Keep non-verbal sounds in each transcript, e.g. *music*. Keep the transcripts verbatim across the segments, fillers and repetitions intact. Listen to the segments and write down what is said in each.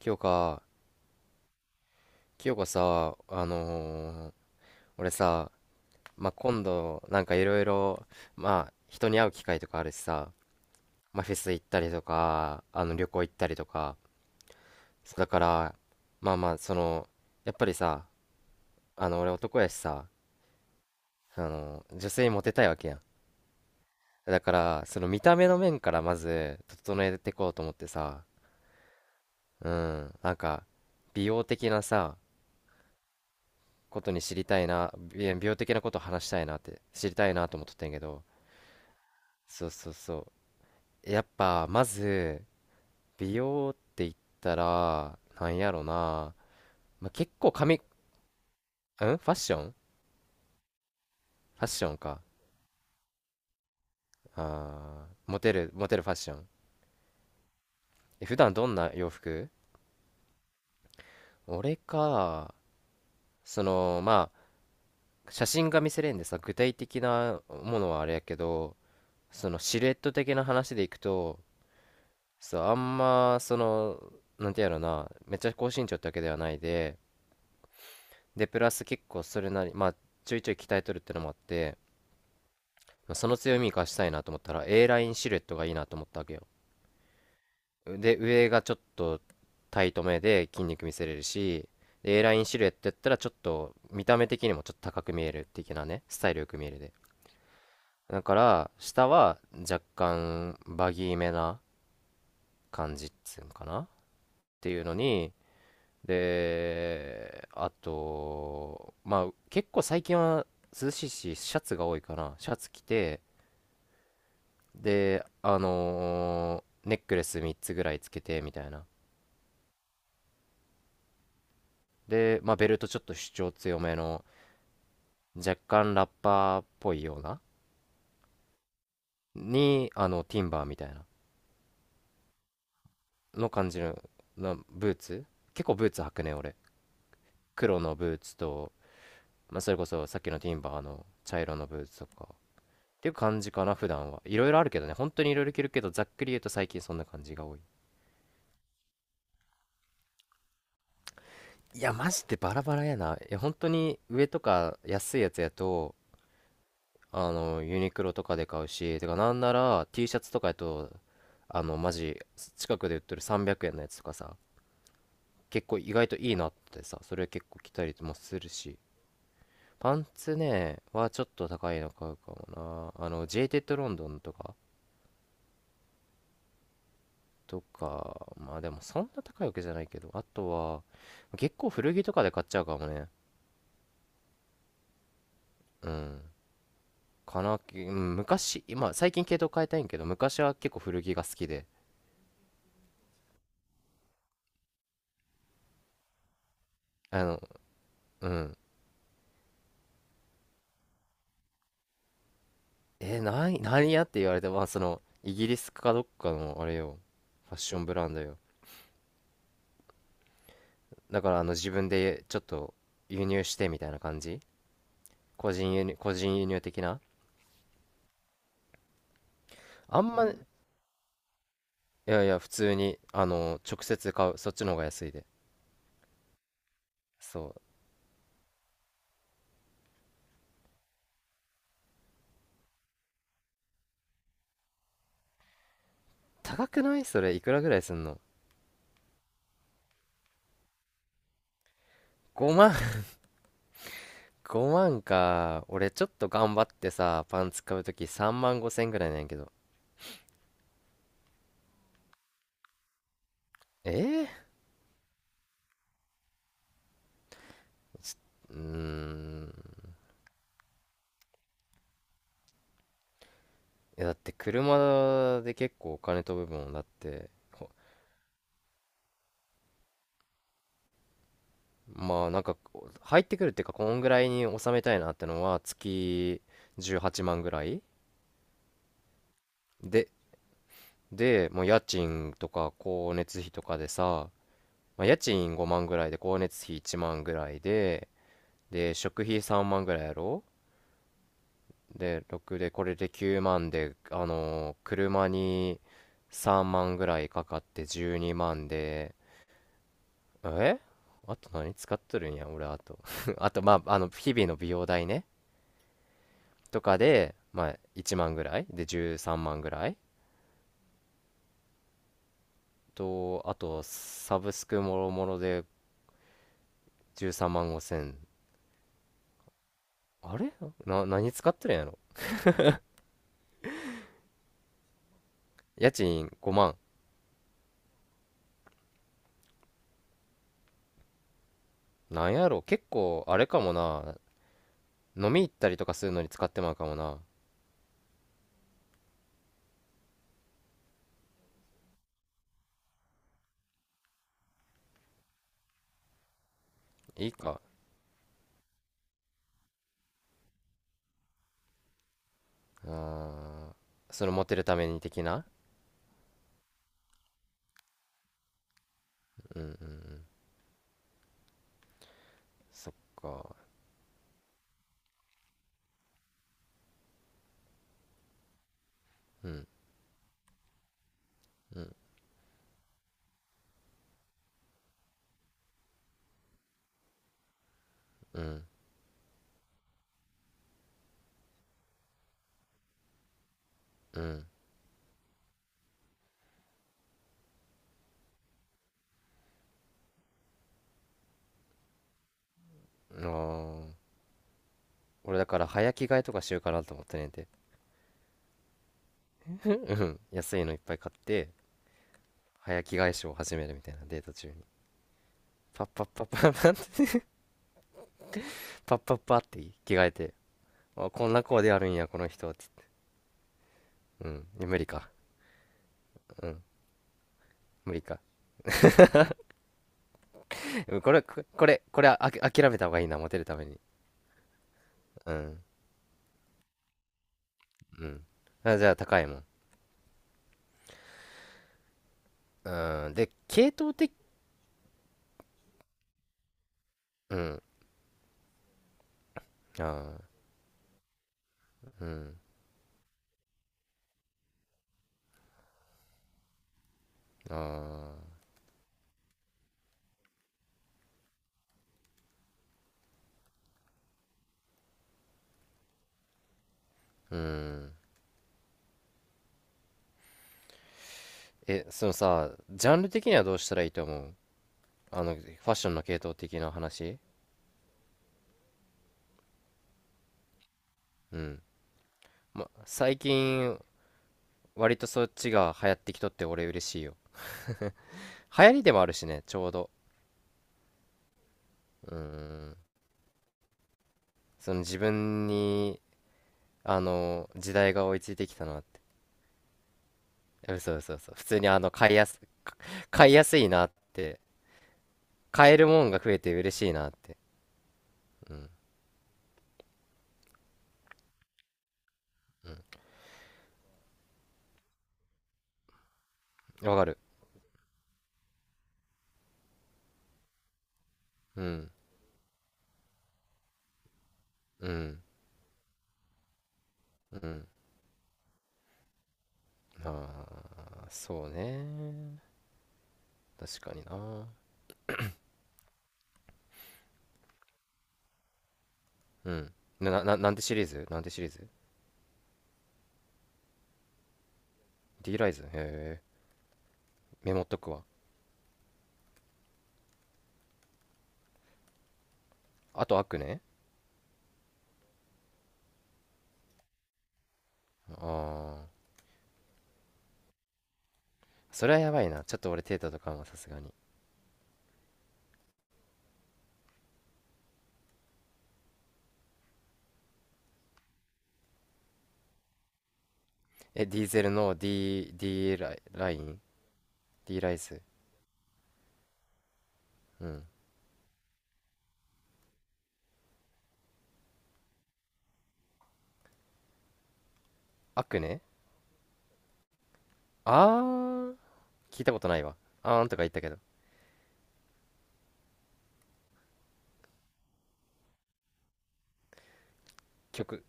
清香、清香さ、あのー俺さ、まあ、今度、なんかいろいろ、まあ、人に会う機会とかあるしさ、まあ、フェス行ったりとか、あの、旅行行ったりとか、そうだから、まあまあ、その、やっぱりさ、あの、俺男やしさ、あの、女性にモテたいわけやん。だから、その見た目の面からまず、整えていこうと思ってさ、うん、なんか、美容的なさ、ことに知りたいな、美美容的なこと話したいなって、知りたいなと思っとってんけど、そうそうそう、やっぱまず美容って言ったらなんやろな、まあ、結構髪んファッションファッションか、あー、モテるモテるファッション。え普段どんな洋服？俺か？そのまあ、写真が見せれんでさ、具体的なものはあれやけど、そのシルエット的な話でいくと、そうあんまその、なんてやろな、めっちゃ高身長ってわけではないででプラス結構それなり、まあちょいちょい鍛えとるってのもあって、まあその強み生かしたいなと思ったら A ラインシルエットがいいなと思ったわけよ。で上がちょっとタイトめで筋肉見せれるし、 A ラインシルエットやったらちょっと見た目的にもちょっと高く見える的なね、スタイルよく見えるで。だから下は若干バギーめな感じっつうんかなっていうのに、で、あと、まあ、結構最近は涼しいし、シャツが多いから、シャツ着て、で、あのーネックレスみっつぐらいつけて、みたいな。で、まあ、ベルトちょっと主張強めの、若干ラッパーっぽいような、に、あの、ティンバーみたいな、の感じの、なブーツ、結構ブーツ履くね、俺。黒のブーツと、まあ、それこそさっきのティンバーの茶色のブーツとか、っていう感じかな、普段は。いろいろあるけどね、本当にいろいろ着るけど、ざっくり言うと最近そんな感じが多い。いや、マジでバラバラやな。いや、本当に上とか安いやつやと、あの、ユニクロとかで買うし、てか、なんなら ティー シャツとかやと、あの、マジ、近くで売ってるさんびゃくえんのやつとかさ、結構意外といいなってさ、それ結構着たりもするし、パンツね、はちょっと高いの買うかもな。あの、ジェイテッドロンドンとか、とか、まあでもそんな高いわけじゃないけど、あとは、結構古着とかで買っちゃうかもね。うん。かな、うん、昔、今、最近系統変えたいんけど、昔は結構古着が好きで、あの、うん。え、なに、何やって言われて、まあその、イギリスかどっかの、あれよ、ファッションブランドよ。だから、あの、自分でちょっと輸入してみたいな感じ、個人輸入、個人輸入的な、あんま、いやいや、普通に、あの、直接買う、そっちの方が安いで。そう。高くない？それいくらぐらいすんの？ごまん？ごまん *laughs* か。俺ちょっと頑張ってさ、パンツ買うときさんまんごせんぐらいなんやけど。えー、うーん。いや、だって車で結構お金飛ぶもん。だってほまあなんか入ってくるっていうか、こんぐらいに収めたいなってのは月じゅうはちまんぐらいででもう家賃とか光熱費とかでさ、まあ、家賃ごまんぐらいで光熱費いちまんぐらいで、で食費さんまんぐらいやろ。で、ろくで、これできゅうまんで、あのー車にさんまんぐらいかかってじゅうにまんで、え、あと何使っとるんや、俺、あと。*laughs* あと、まあ、あの、日々の美容代ね、とかで、まあ、いちまんぐらいで、じゅうさんまんぐらいと、あと、サブスクもろもろでじゅうさんまんごせん。あれな、何使っとるんやろ。家賃ごまん。なんやろ結構、あれかもな。飲み行ったりとかするのに使ってまうかもな。いいか。ああ、そのモテるために的な。うんうんうん。そっか。うん、うん、うん、うん。あー、俺だから早着替えとかしようかなと思ってねんて。うんうん。安いのいっぱい買って、早着替えショーを始めるみたいな、デート中に。パッパッパッパッパッパッパッパッって着替えて。あ、こんなコーデあるんや、この人、つって。うん。無理か。うん。無理か。うん。これ、ここれ、これ、あき、諦めた方がいいな、モテるために。うん。うん。あ、じゃあ高いもん。うん。で、系統的、うん。ああ、うん。ああ、うん。え、そのさ、ジャンル的にはどうしたらいいと思う？あの、ファッションの系統的な話。うん。ま、最近、割とそっちが流行ってきとって俺嬉しいよ。流行りでもあるしね、ちょうど。うん。その自分に、あの、時代が追いついてきたなって。え、嘘嘘嘘。普通にあの、買いやす、買いやすいなって。買えるもんが増えて嬉しいなって。うん。うん。わかる。うん。うん。うん。ああ、そうね。確かにな。うん。な、な、ななんてシリーズ？なんてシリーズ？ D ライズ？へえ。メモっとくわ。あと悪ね、ああー。それはやばいな。ちょっと俺テータとかもさすがに。え、ディーゼルの D、D、 ライ、ライン？ D ライズ？うん。悪ね、ああー。聞いたことないわ。あーんとか言ったけど。曲。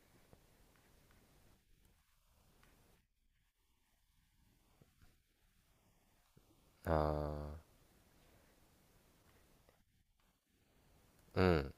ああ。うん。